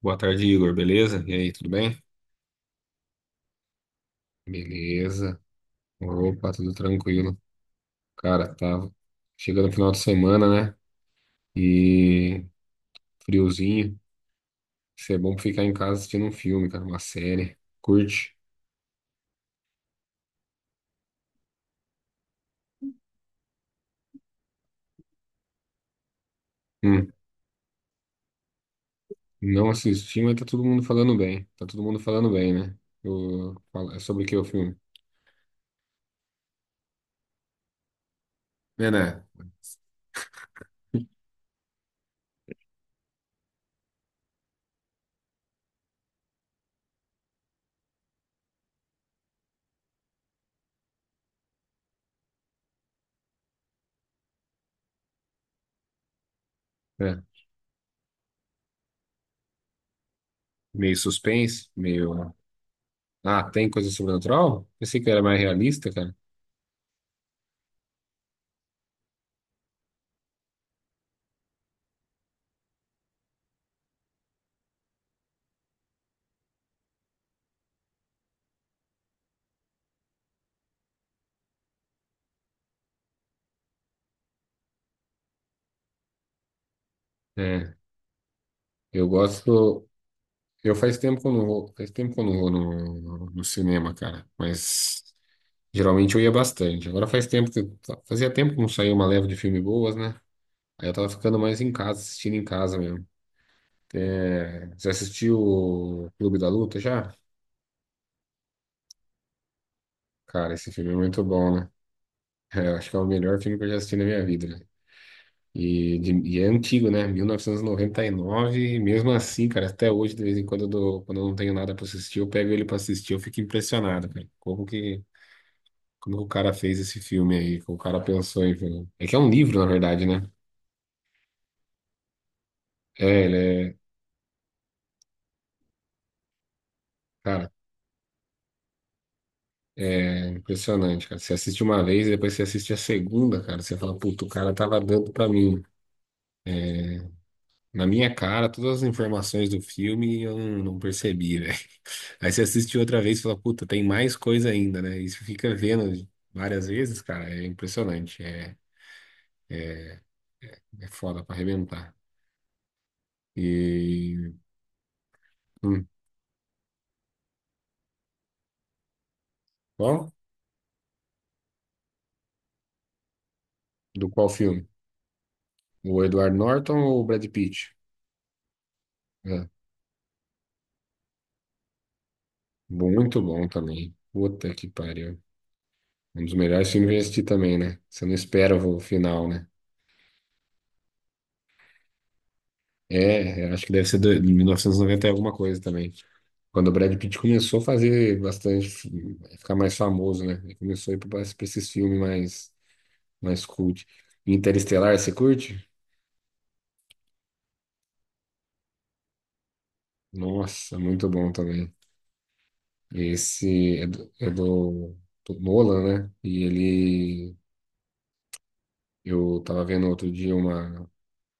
Boa tarde, Igor, beleza? E aí, tudo bem? Beleza. Opa, tudo tranquilo. Cara, tava chegando no final de semana, né? E friozinho. Isso é bom pra ficar em casa assistindo um filme, cara, uma série. Curte? Hum, não assisti, mas tá todo mundo falando bem. Tá todo mundo falando bem, né? É sobre o que o filme? É, né? É. Meio suspense, meio. Ah, tem coisa sobrenatural? Pensei que era mais realista, cara. É, eu gosto. Eu faz tempo que eu não vou, faz tempo que eu não vou no cinema, cara. Mas geralmente eu ia bastante. Agora faz tempo fazia tempo que não saía uma leva de filme boas, né? Aí eu tava ficando mais em casa, assistindo em casa mesmo. É, você assistiu o Clube da Luta já? Cara, esse filme é muito bom, né? É, eu acho que é o melhor filme que eu já assisti na minha vida, né? E é antigo, né? 1999, e noventa e nove, e mesmo assim, cara, até hoje, de vez em quando, quando eu não tenho nada pra assistir, eu pego ele pra assistir, eu fico impressionado, cara. Como que o cara fez esse filme aí? Como o cara pensou em fazer? É que é um livro, na verdade, né? É, ele é. Cara, é impressionante, cara. Você assiste uma vez e depois você assiste a segunda, cara. Você fala, puta, o cara tava dando pra mim. É, na minha cara, todas as informações do filme e eu não percebi, velho. Aí você assiste outra vez e fala, puta, tem mais coisa ainda, né? E você fica vendo várias vezes, cara. É impressionante. É, é foda pra arrebentar. E. Hum, qual? Do qual filme? O Edward Norton ou o Brad Pitt? É, muito bom também. Puta que pariu. Um dos melhores filmes que eu já assisti também, né? Você não espera o final, né? É, eu acho que deve ser de 1990 e noventa e alguma coisa também. Quando o Brad Pitt começou a fazer bastante, ficar mais famoso, né? Ele começou a ir para esses filmes mais cult. Interestelar, você curte? Nossa, muito bom também. Esse é do Nolan, né? E ele. Eu tava vendo outro dia uma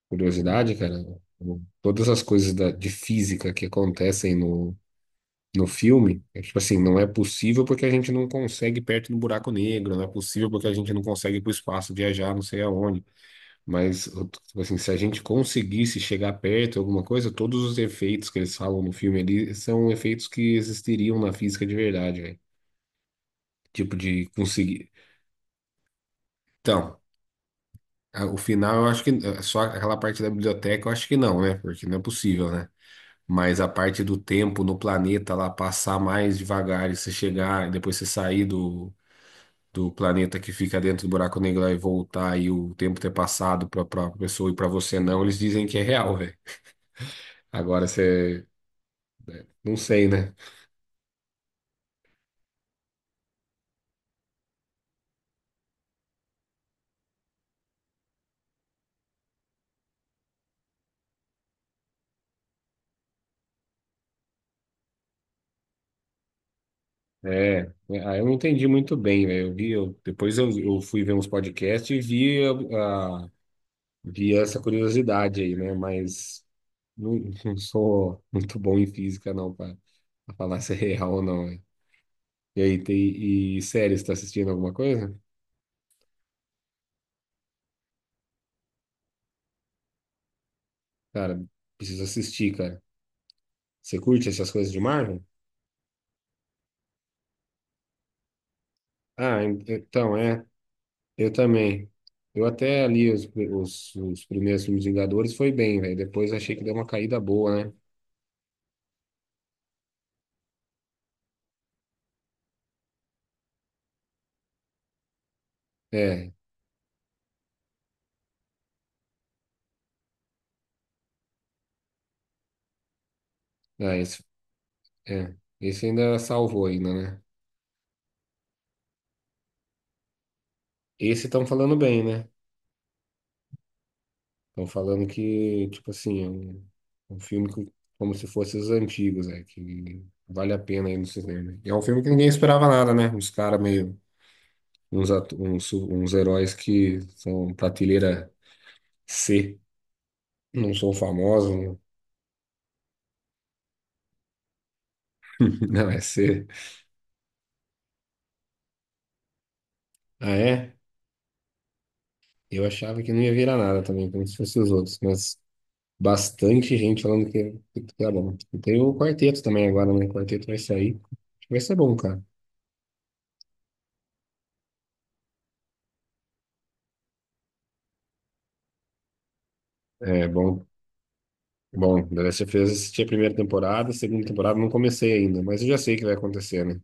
curiosidade, cara, todas as coisas de física que acontecem no filme, é tipo assim, não é possível porque a gente não consegue ir perto do buraco negro, não é possível porque a gente não consegue ir para o espaço, viajar, não sei aonde. Mas, tipo assim, se a gente conseguisse chegar perto de alguma coisa, todos os efeitos que eles falam no filme ali são efeitos que existiriam na física de verdade, velho. Tipo de conseguir. Então, o final, eu acho que só aquela parte da biblioteca, eu acho que não, né? Porque não é possível, né? Mas a parte do tempo no planeta lá passar mais devagar e você chegar, e depois você sair do planeta que fica dentro do buraco negro lá e voltar e o tempo ter passado para a pessoa e para você não, eles dizem que é real, velho. Agora você. Não sei, né? É, é, ah, eu não entendi muito bem, velho. Eu vi, depois eu fui ver uns podcasts e vi, a, a- vi essa curiosidade aí, né? Mas não, não sou muito bom em física, não, para falar se é real ou não. E aí, e série, você tá assistindo alguma coisa? Cara, preciso assistir, cara. Você curte essas coisas de Marvel? Ah, então, eu também. Eu até ali os primeiros filmes Vingadores foi bem, velho. Depois achei que deu uma caída boa, né? É, ah, é, esse ainda salvou ainda, né? Esse estão falando bem, né? Estão falando que, tipo assim, é um filme como se fosse os antigos, que vale a pena ir no cinema. E é um filme que ninguém esperava nada, né? Os caras meio uns heróis que são prateleira C, não são famosos, não, não é C. Ah, é? Eu achava que não ia virar nada também, como se fossem os outros, mas bastante gente falando que tá bom. E tem o quarteto também agora, né? O quarteto vai sair. Acho que vai ser bom, cara. É, bom. Bom, The Last of Us assisti a primeira temporada, a segunda temporada não comecei ainda, mas eu já sei o que vai acontecer, né?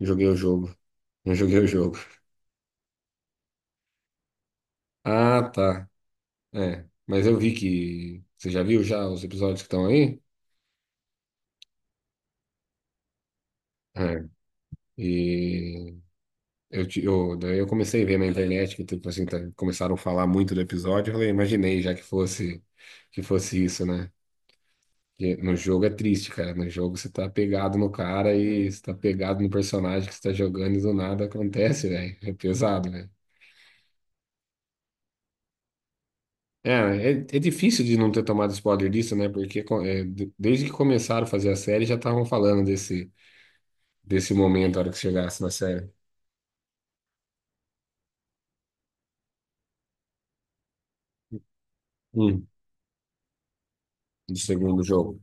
Joguei o jogo. Não joguei o jogo. Ah, tá. É, mas eu vi que. Você já viu já os episódios que estão aí? É. E daí eu comecei a ver na internet que tipo assim, começaram a falar muito do episódio. Eu falei, imaginei já que fosse isso, né? Porque no jogo é triste, cara. No jogo você tá pegado no cara e você tá pegado no personagem que você tá jogando e do nada acontece, velho. É pesado, velho. É, difícil de não ter tomado spoiler disso, né? Porque desde que começaram a fazer a série já estavam falando desse momento, a hora que chegasse na série. Hum, do segundo jogo.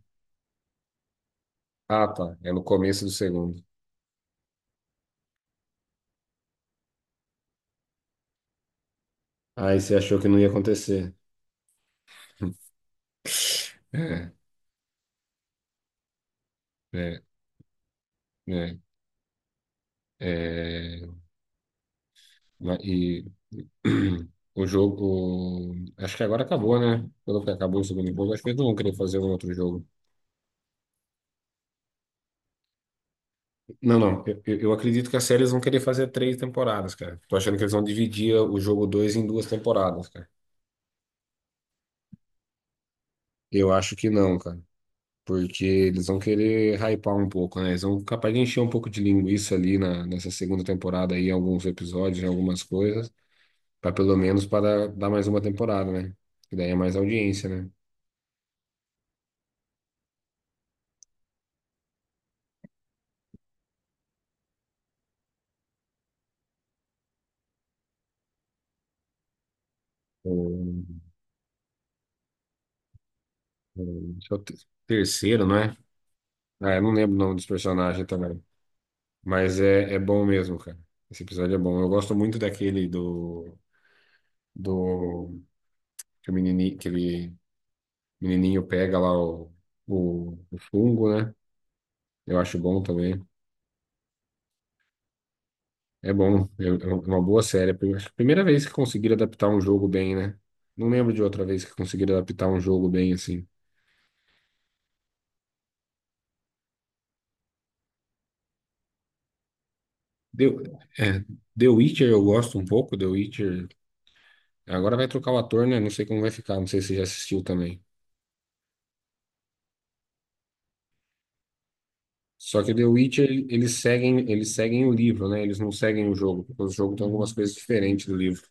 Ah, tá. É no começo do segundo. Aí você achou que não ia acontecer. É, é, é, é. E o jogo. Acho que agora acabou, né? Quando que acabou o segundo jogo, acho que eles não vão querer fazer um outro jogo. Não, não. Eu acredito que a série eles vão querer fazer três temporadas, cara. Tô achando que eles vão dividir o jogo dois em duas temporadas, cara. Eu acho que não, cara. Porque eles vão querer hypar um pouco, né? Eles vão capaz de encher um pouco de linguiça ali nessa segunda temporada aí, em alguns episódios, em algumas coisas, para pelo menos para dar mais uma temporada, né? Que daí é mais audiência, né? O, esse é o terceiro, não é? Ah, eu não lembro o nome dos personagens também. Mas é bom mesmo, cara. Esse episódio é bom. Eu gosto muito daquele do que o menininho pega lá o fungo, né? Eu acho bom também. É bom, é uma boa série. Acho que a primeira vez que conseguiram adaptar um jogo bem, né? Não lembro de outra vez que conseguiram adaptar um jogo bem assim. The, é, The Witcher eu gosto um pouco, The Witcher. Agora vai trocar o ator, né? Não sei como vai ficar, não sei se você já assistiu também. Só que The Witcher, eles seguem o livro, né? Eles não seguem o jogo, porque o jogo tem algumas coisas diferentes do livro.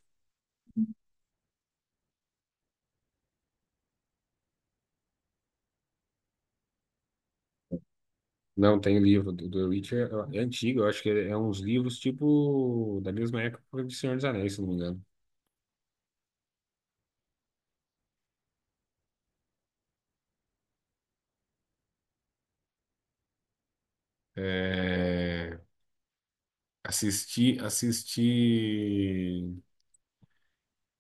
Não, tem livro. Do The Witcher é antigo, eu acho que é uns livros tipo da mesma época do Senhor dos Anéis, se não me engano. É. Assisti, assisti,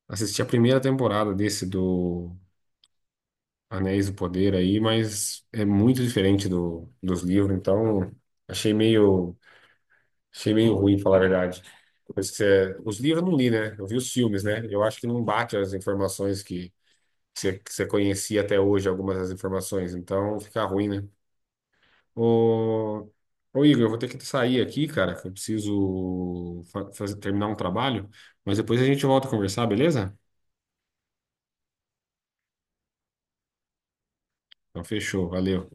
assisti a primeira temporada desse do Anéis do Poder aí, mas é muito diferente dos livros, então achei meio, achei meio ruim, falar a verdade. Pois que os livros eu não li, né? Eu vi os filmes, né? Eu acho que não bate as informações que você conhecia até hoje, algumas das informações, então fica ruim, né? Ô, ô Igor, eu vou ter que sair aqui, cara, que eu preciso terminar um trabalho, mas depois a gente volta a conversar, beleza? Então, fechou, valeu.